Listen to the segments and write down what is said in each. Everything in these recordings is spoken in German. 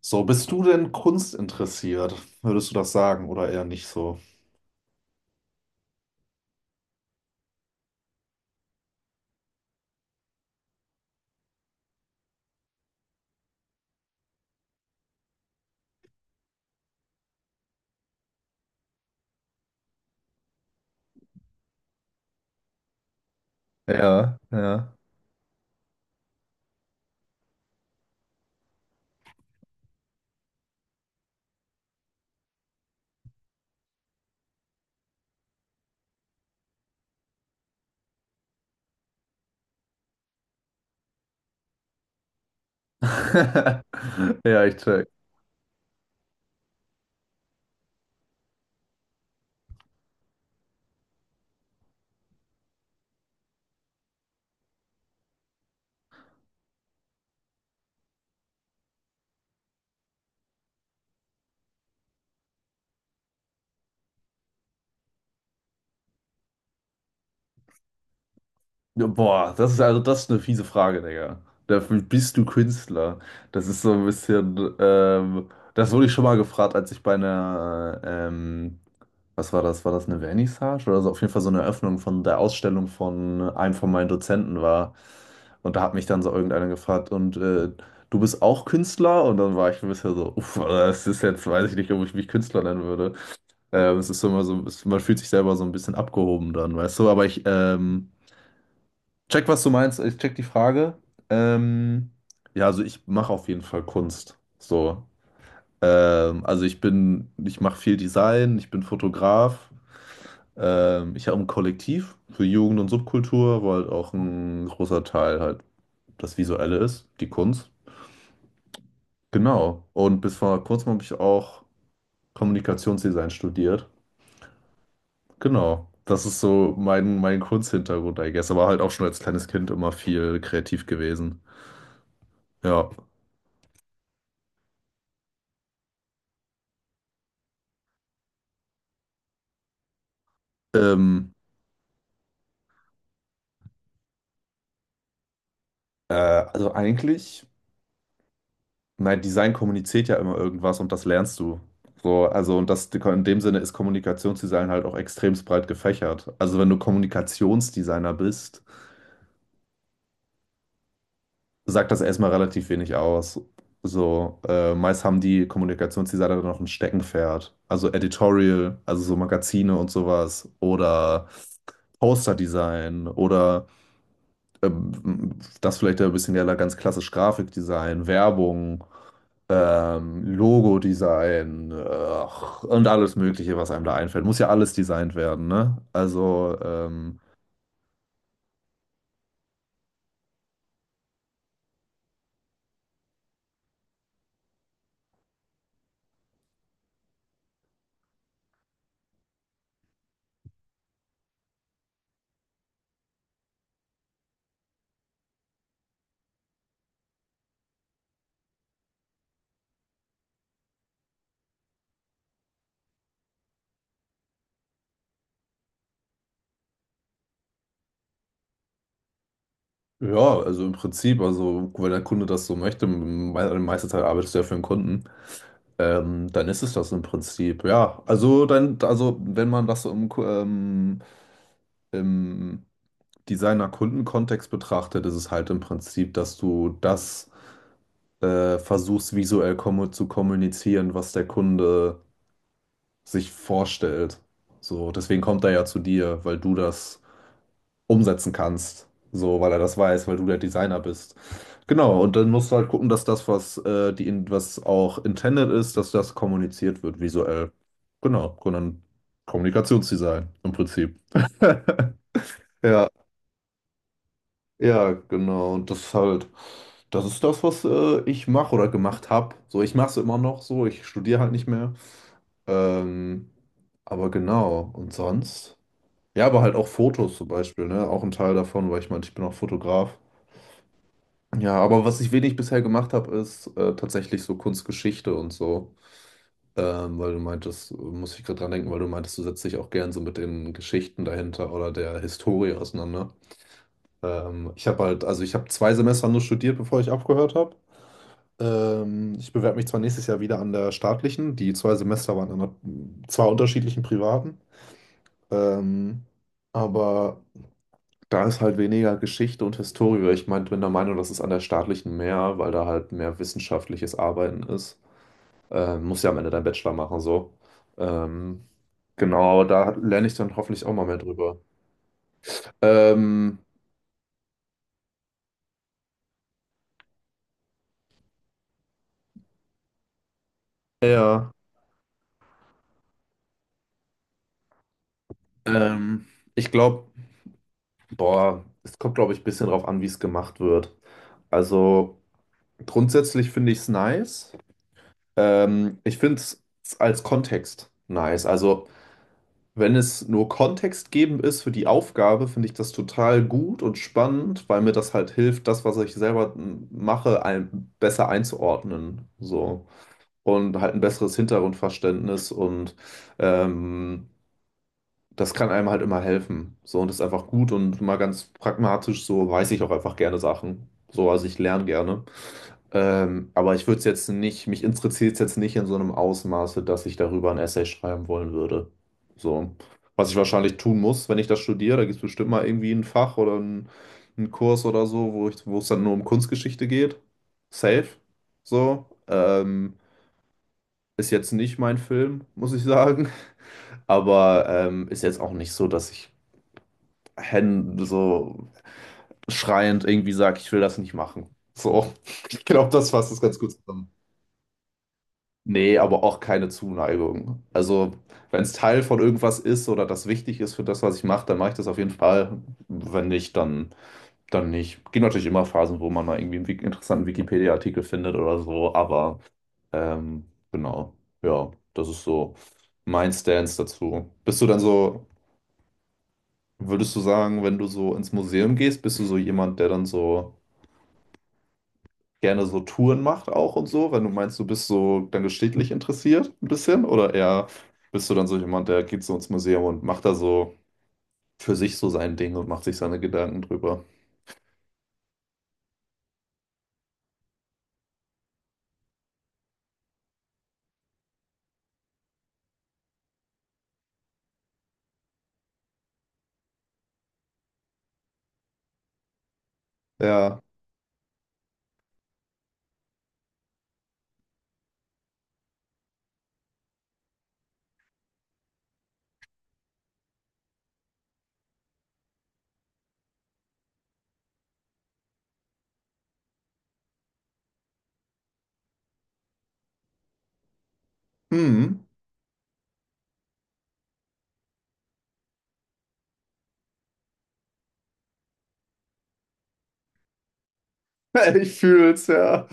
So, bist du denn kunstinteressiert? Würdest du das sagen oder eher nicht so? Ja, ja. Ja, ich check. Ja, boah, das ist eine fiese Frage, Digga. Dafür bist du Künstler. Das ist so ein bisschen, das wurde ich schon mal gefragt, als ich bei einer was war das? War das eine Vernissage? Oder so, auf jeden Fall so eine Eröffnung von der Ausstellung von einem von meinen Dozenten war. Und da hat mich dann so irgendeiner gefragt, und du bist auch Künstler? Und dann war ich ein bisschen so, uff, Alter, das ist jetzt, weiß ich nicht, ob ich mich Künstler nennen würde. Es ist so immer so, man fühlt sich selber so ein bisschen abgehoben dann, weißt du? Aber ich check, was du meinst, ich check die Frage. Ähm, ja, also ich mache auf jeden Fall Kunst. So, ich mache viel Design, ich bin Fotograf. Ich habe ein Kollektiv für Jugend und Subkultur, wo halt auch ein großer Teil halt das Visuelle ist, die Kunst. Genau. Und bis vor kurzem habe ich auch Kommunikationsdesign studiert. Genau. Das ist so mein Kunsthintergrund, I guess. Aber halt auch schon als kleines Kind immer viel kreativ gewesen. Ja. Ähm, also eigentlich. Nein, Design kommuniziert ja immer irgendwas und das lernst du. So, also und das in dem Sinne ist Kommunikationsdesign halt auch extremst breit gefächert. Also wenn du Kommunikationsdesigner bist, sagt das erstmal relativ wenig aus. So, meist haben die Kommunikationsdesigner dann noch ein Steckenpferd. Also Editorial, also so Magazine und sowas oder Posterdesign oder das vielleicht ja ein bisschen, ja, ganz klassisch Grafikdesign, Werbung. Ähm, Logo-Design, ach, und alles Mögliche, was einem da einfällt. Muss ja alles designt werden, ne? Also, ja, also im Prinzip, also wenn der Kunde das so möchte, me meiste Zeit arbeitest du ja für den Kunden, dann ist es das im Prinzip, ja. Also dann, also wenn man das so im, im Designer-Kunden-Kontext betrachtet, ist es halt im Prinzip, dass du das versuchst visuell kommu zu kommunizieren, was der Kunde sich vorstellt. So, deswegen kommt er ja zu dir, weil du das umsetzen kannst. So, weil er das weiß, weil du der Designer bist. Genau, und dann musst du halt gucken, dass das, was auch intended ist, dass das kommuniziert wird visuell. Genau, und dann Kommunikationsdesign im Prinzip. Ja, genau, und das halt, das ist das, was ich mache oder gemacht habe. So, ich mache es immer noch so, ich studiere halt nicht mehr. Ähm, aber genau, und sonst? Ja, aber halt auch Fotos zum Beispiel, ne? Auch ein Teil davon, weil ich meine, ich bin auch Fotograf. Ja, aber was ich wenig bisher gemacht habe, ist tatsächlich so Kunstgeschichte und so. Weil du meintest, muss ich gerade dran denken, weil du meintest, du setzt dich auch gern so mit den Geschichten dahinter oder der Historie auseinander. Ich habe halt, also ich habe zwei Semester nur studiert, bevor ich aufgehört habe. Ich bewerbe mich zwar nächstes Jahr wieder an der staatlichen, die zwei Semester waren an zwei unterschiedlichen privaten. Ähm, aber. Da ist halt weniger Geschichte und Historie. Ich mein, bin der Meinung, das ist an der staatlichen mehr, weil da halt mehr wissenschaftliches Arbeiten ist. Musst ja am Ende deinen Bachelor machen, so. Ähm, genau, aber da lerne ich dann hoffentlich auch mal mehr drüber. Ähm, ja, ähm, ich glaube, boah, es kommt, glaube ich, ein bisschen drauf an, wie es gemacht wird. Also grundsätzlich finde ich es nice. Ich finde es als Kontext nice. Also. Wenn es nur kontextgebend ist für die Aufgabe, finde ich das total gut und spannend, weil mir das halt hilft, das, was ich selber mache, besser einzuordnen. So. Und halt ein besseres Hintergrundverständnis und ähm, das kann einem halt immer helfen. So, und das ist einfach gut und mal ganz pragmatisch, so weiß ich auch einfach gerne Sachen. So, also ich lerne gerne. Aber ich würde es jetzt nicht, mich interessiert es jetzt nicht in so einem Ausmaße, dass ich darüber ein Essay schreiben wollen würde. So, was ich wahrscheinlich tun muss, wenn ich das studiere, da gibt es bestimmt mal irgendwie ein Fach oder einen Kurs oder so, wo ich, wo es dann nur um Kunstgeschichte geht. Safe. So, ist jetzt nicht mein Film, muss ich sagen. Aber ist jetzt auch nicht so, dass ich Hände so schreiend irgendwie sagt, ich will das nicht machen. So, ich glaube, das fasst es ganz gut zusammen. Nee, aber auch keine Zuneigung. Also, wenn es Teil von irgendwas ist oder das wichtig ist für das, was ich mache, dann mache ich das auf jeden Fall. Wenn nicht, dann, dann nicht. Gibt natürlich immer Phasen, wo man mal irgendwie einen interessanten Wikipedia-Artikel findet oder so, aber ähm, genau, ja, das ist so mein Stance dazu. Bist du dann so, würdest du sagen, wenn du so ins Museum gehst, bist du so jemand, der dann so gerne so Touren macht auch und so, wenn du meinst, du bist so dann geschichtlich interessiert ein bisschen, oder eher bist du dann so jemand, der geht so ins Museum und macht da so für sich so sein Ding und macht sich seine Gedanken drüber. Ja. Hm. Ich fühl's, ja.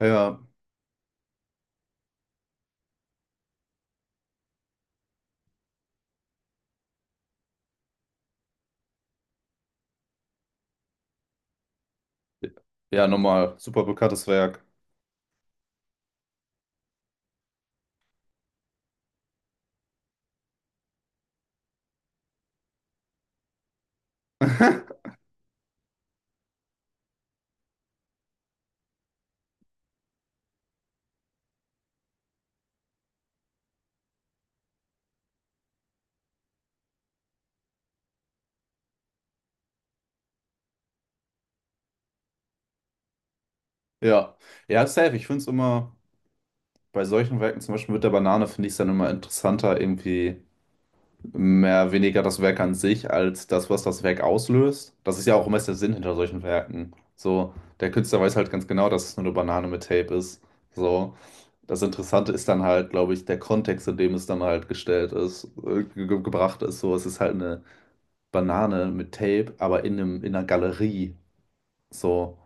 Ja. Ja, nochmal, super bekanntes Werk. Ja, ja, safe. Ich finde es immer bei solchen Werken, zum Beispiel mit der Banane, finde ich es dann immer interessanter, irgendwie mehr weniger das Werk an sich als das, was das Werk auslöst. Das ist ja auch meist der Sinn hinter solchen Werken. So, der Künstler weiß halt ganz genau, dass es nur eine Banane mit Tape ist. So, das Interessante ist dann halt, glaube ich, der Kontext, in dem es dann halt gestellt ist, ge gebracht ist. So, es ist halt eine Banane mit Tape, aber in einer Galerie. So.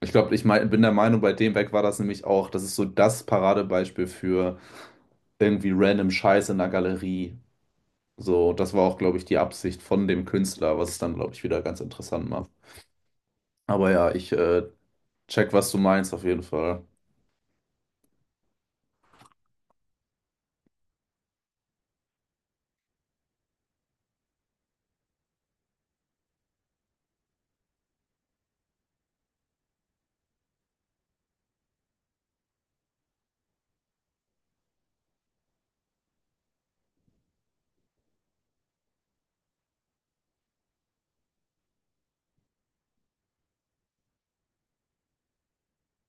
Ich glaube, ich mein, bin der Meinung, bei dem Werk war das nämlich auch, das ist so das Paradebeispiel für irgendwie random Scheiß in der Galerie. So, das war auch, glaube ich, die Absicht von dem Künstler, was es dann, glaube ich, wieder ganz interessant macht. Aber ja, ich check, was du meinst, auf jeden Fall.